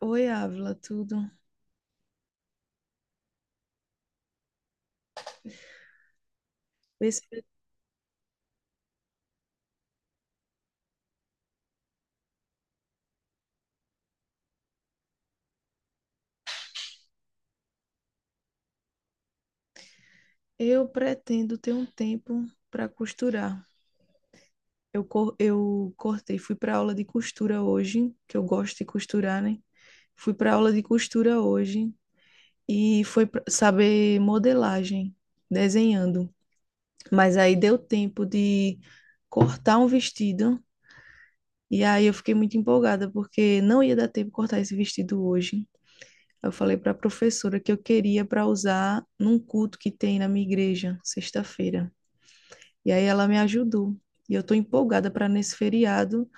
Oi, Ávila, tudo? Esse- Eu pretendo ter um tempo para costurar. Eu cortei, fui para aula de costura hoje, que eu gosto de costurar, né? Fui para aula de costura hoje e foi pra saber modelagem, desenhando. Mas aí deu tempo de cortar um vestido e aí eu fiquei muito empolgada porque não ia dar tempo de cortar esse vestido hoje. Eu falei para a professora que eu queria para usar num culto que tem na minha igreja, sexta-feira. E aí ela me ajudou. E eu tô empolgada para nesse feriado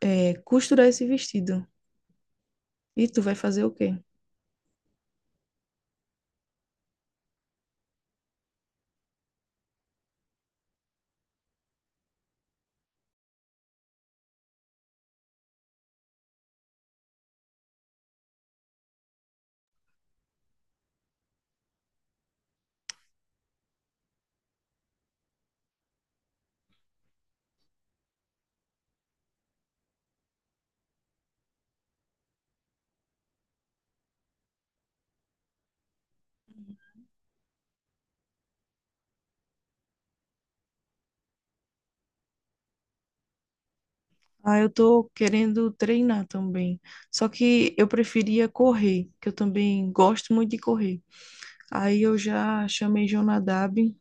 costurar esse vestido. E tu vai fazer o quê? Ah, eu tô querendo treinar também. Só que eu preferia correr, que eu também gosto muito de correr. Aí eu já chamei Jonadab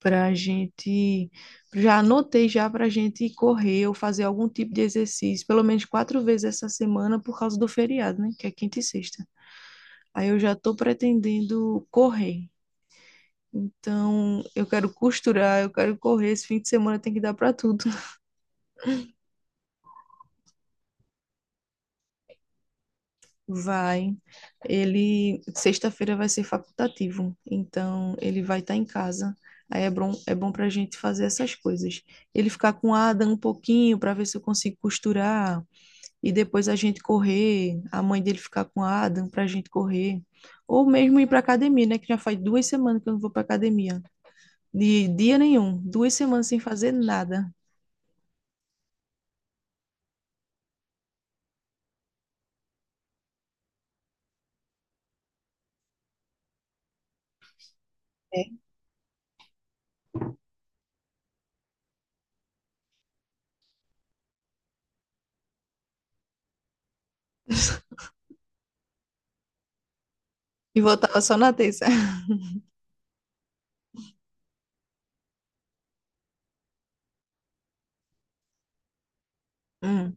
pra gente, já anotei já pra gente ir correr ou fazer algum tipo de exercício, pelo menos quatro vezes essa semana por causa do feriado, né? Que é quinta e sexta. Aí eu já tô pretendendo correr. Então, eu quero costurar, eu quero correr. Esse fim de semana tem que dar para tudo. Vai. Ele, sexta-feira vai ser facultativo, então ele vai estar em casa. Aí é bom para a gente fazer essas coisas. Ele ficar com a Ada um pouquinho para ver se eu consigo costurar e depois a gente correr. A mãe dele ficar com a Adam para a gente correr. Ou mesmo ir para academia, né? Que já faz duas semanas que eu não vou para academia. De dia nenhum, duas semanas sem fazer nada. E voltava só na terça. Hum,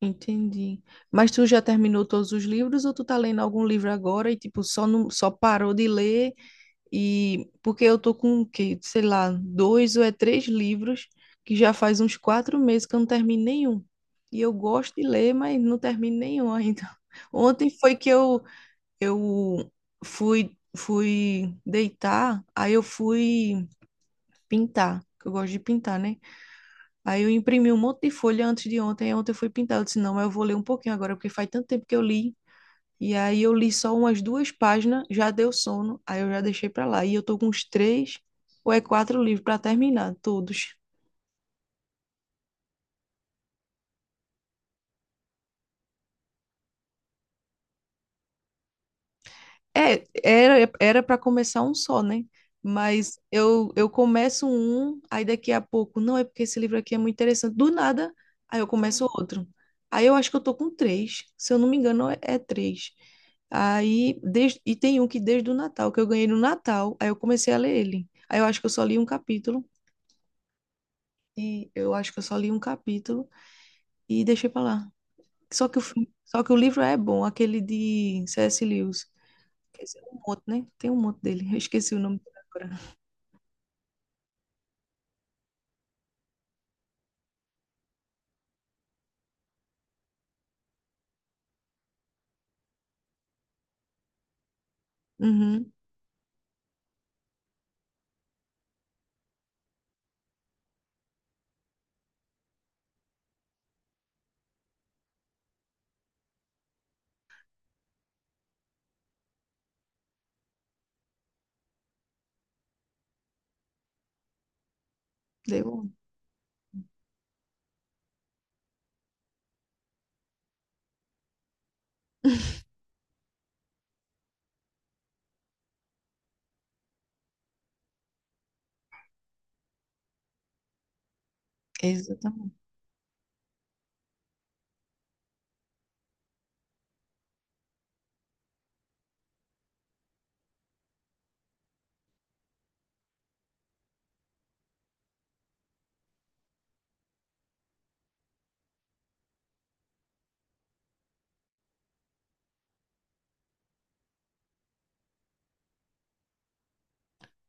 entendi. Mas tu já terminou todos os livros ou tu tá lendo algum livro agora e tipo só não, só parou de ler e porque eu tô com o quê? Sei lá, dois ou é três livros que já faz uns quatro meses que eu não termino nenhum. E eu gosto de ler, mas não termino nenhum ainda. Ontem foi que eu eu fui deitar, aí eu fui pintar, que eu gosto de pintar, né? Aí eu imprimi um monte de folha antes de ontem. Aí ontem eu fui pintar. Eu disse, não, mas eu vou ler um pouquinho agora, porque faz tanto tempo que eu li. E aí eu li só umas duas páginas, já deu sono, aí eu já deixei pra lá. E eu tô com uns três ou é quatro livros pra terminar, todos. É, era para começar um só, né? Mas eu começo um, aí daqui a pouco, não é porque esse livro aqui é muito interessante. Do nada, aí eu começo outro. Aí eu acho que eu tô com três, se eu não me engano, é, é três. Aí desde, e tem um que desde o Natal, que eu ganhei no Natal, aí eu comecei a ler ele. Aí eu acho que eu só li um capítulo e eu acho que eu só li um capítulo e deixei pra lá. Só que o livro é bom, aquele de C.S. Lewis. Quer dizer, um monte, né? Tem um monte dele. Eu esqueci o nome dele agora. Uhum, deu. Um. Exatamente.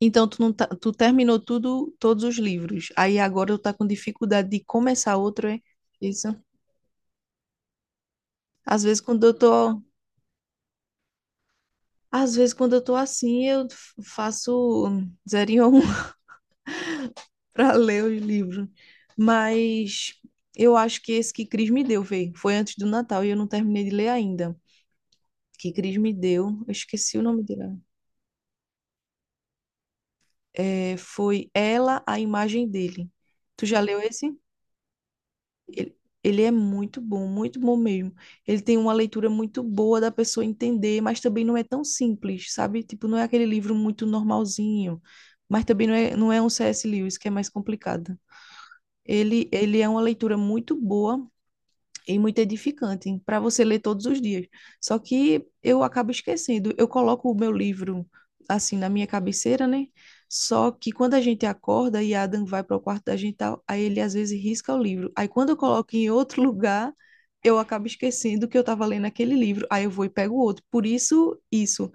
Então, tu, não tá- tu terminou tudo, todos os livros. Aí agora eu tá com dificuldade de começar outro, é isso? Às vezes quando eu tô, às vezes quando eu tô assim, faço zerinho a um para ler os livros. Mas eu acho que esse que Cris me deu, veio, foi antes do Natal e eu não terminei de ler ainda. Que Cris me deu, eu esqueci o nome dele. É, foi Ela, a imagem dele. Tu já leu esse? Ele, ele é muito bom mesmo. Ele tem uma leitura muito boa da pessoa entender, mas também não é tão simples, sabe? Tipo, não é aquele livro muito normalzinho, mas também não é um C.S. Lewis, que é mais complicado. Ele é uma leitura muito boa, e muito edificante para você ler todos os dias. Só que eu acabo esquecendo. Eu coloco o meu livro assim na minha cabeceira, né? Só que quando a gente acorda e Adam vai para o quarto da gente, tal, aí ele às vezes risca o livro. Aí quando eu coloco em outro lugar, eu acabo esquecendo que eu estava lendo aquele livro. Aí eu vou e pego outro. Por isso, isso.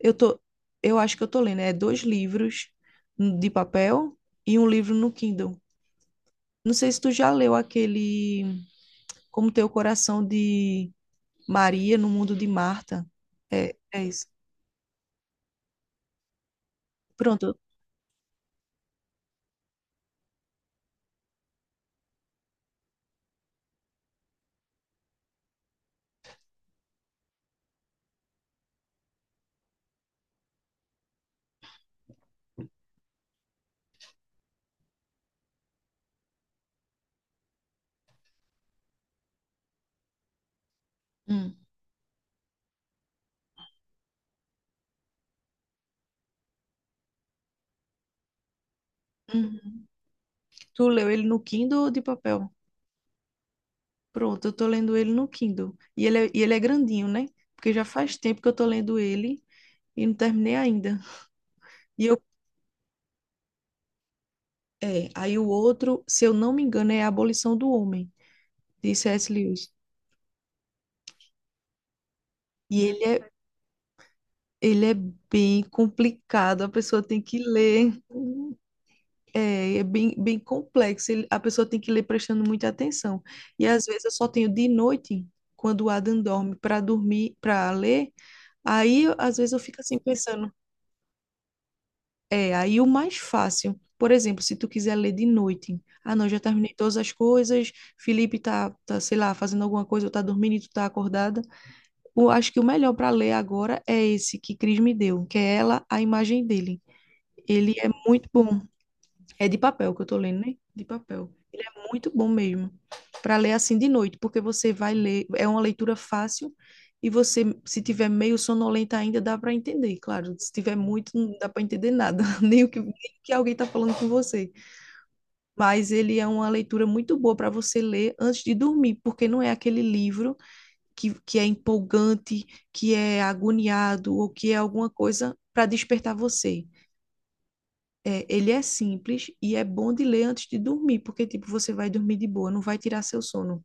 Eu tô, eu acho que eu tô lendo, é dois livros de papel e um livro no Kindle. Não sei se tu já leu aquele Como ter o Coração de Maria no mundo de Marta. É, é isso. Pronto. Hum. Uhum. Tu leu ele no Kindle ou de papel? Pronto, eu tô lendo ele no Kindle. E ele é grandinho, né? Porque já faz tempo que eu tô lendo ele e não terminei ainda. E eu, é, aí o outro, se eu não me engano, é A Abolição do Homem, de C.S. Lewis. E ele é, ele é bem complicado, a pessoa tem que ler. É, é bem, bem complexo. A pessoa tem que ler prestando muita atenção. E às vezes eu só tenho de noite, quando o Adam dorme, para dormir, para ler. Às vezes eu fico assim pensando, é, aí o mais fácil. Por exemplo, se tu quiser ler de noite, ah, não, já terminei todas as coisas, Felipe tá, sei lá, fazendo alguma coisa, ou tá dormindo e tu tá acordada. Eu acho que o melhor para ler agora é esse que Cris me deu, que é ela, a imagem dele. Ele é muito bom. É de papel que eu tô lendo, né? De papel. Ele é muito bom mesmo para ler assim de noite, porque você vai ler, é uma leitura fácil e você, se tiver meio sonolenta ainda, dá para entender, claro. Se tiver muito, não dá para entender nada, nem o que, nem o que alguém tá falando com você. Mas ele é uma leitura muito boa para você ler antes de dormir, porque não é aquele livro que é empolgante, que é agoniado ou que é alguma coisa para despertar você. É, ele é simples e é bom de ler antes de dormir, porque, tipo, você vai dormir de boa, não vai tirar seu sono.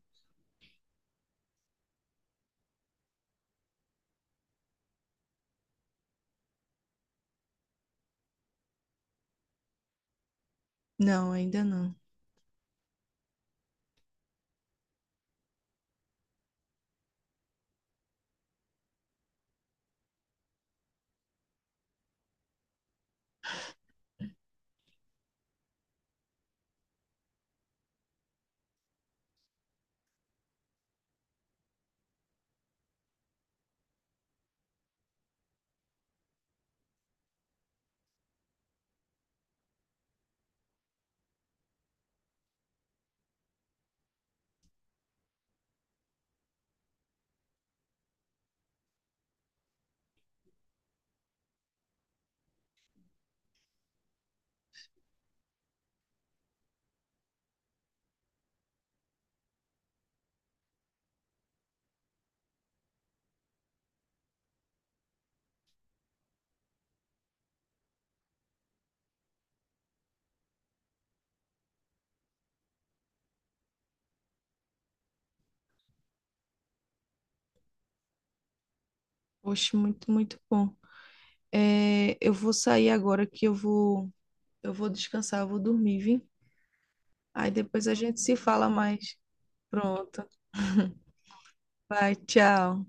Não, ainda não. Poxa, muito, muito bom. É, eu vou descansar, eu vou dormir, viu? Aí depois a gente se fala mais. Pronto. Vai, tchau.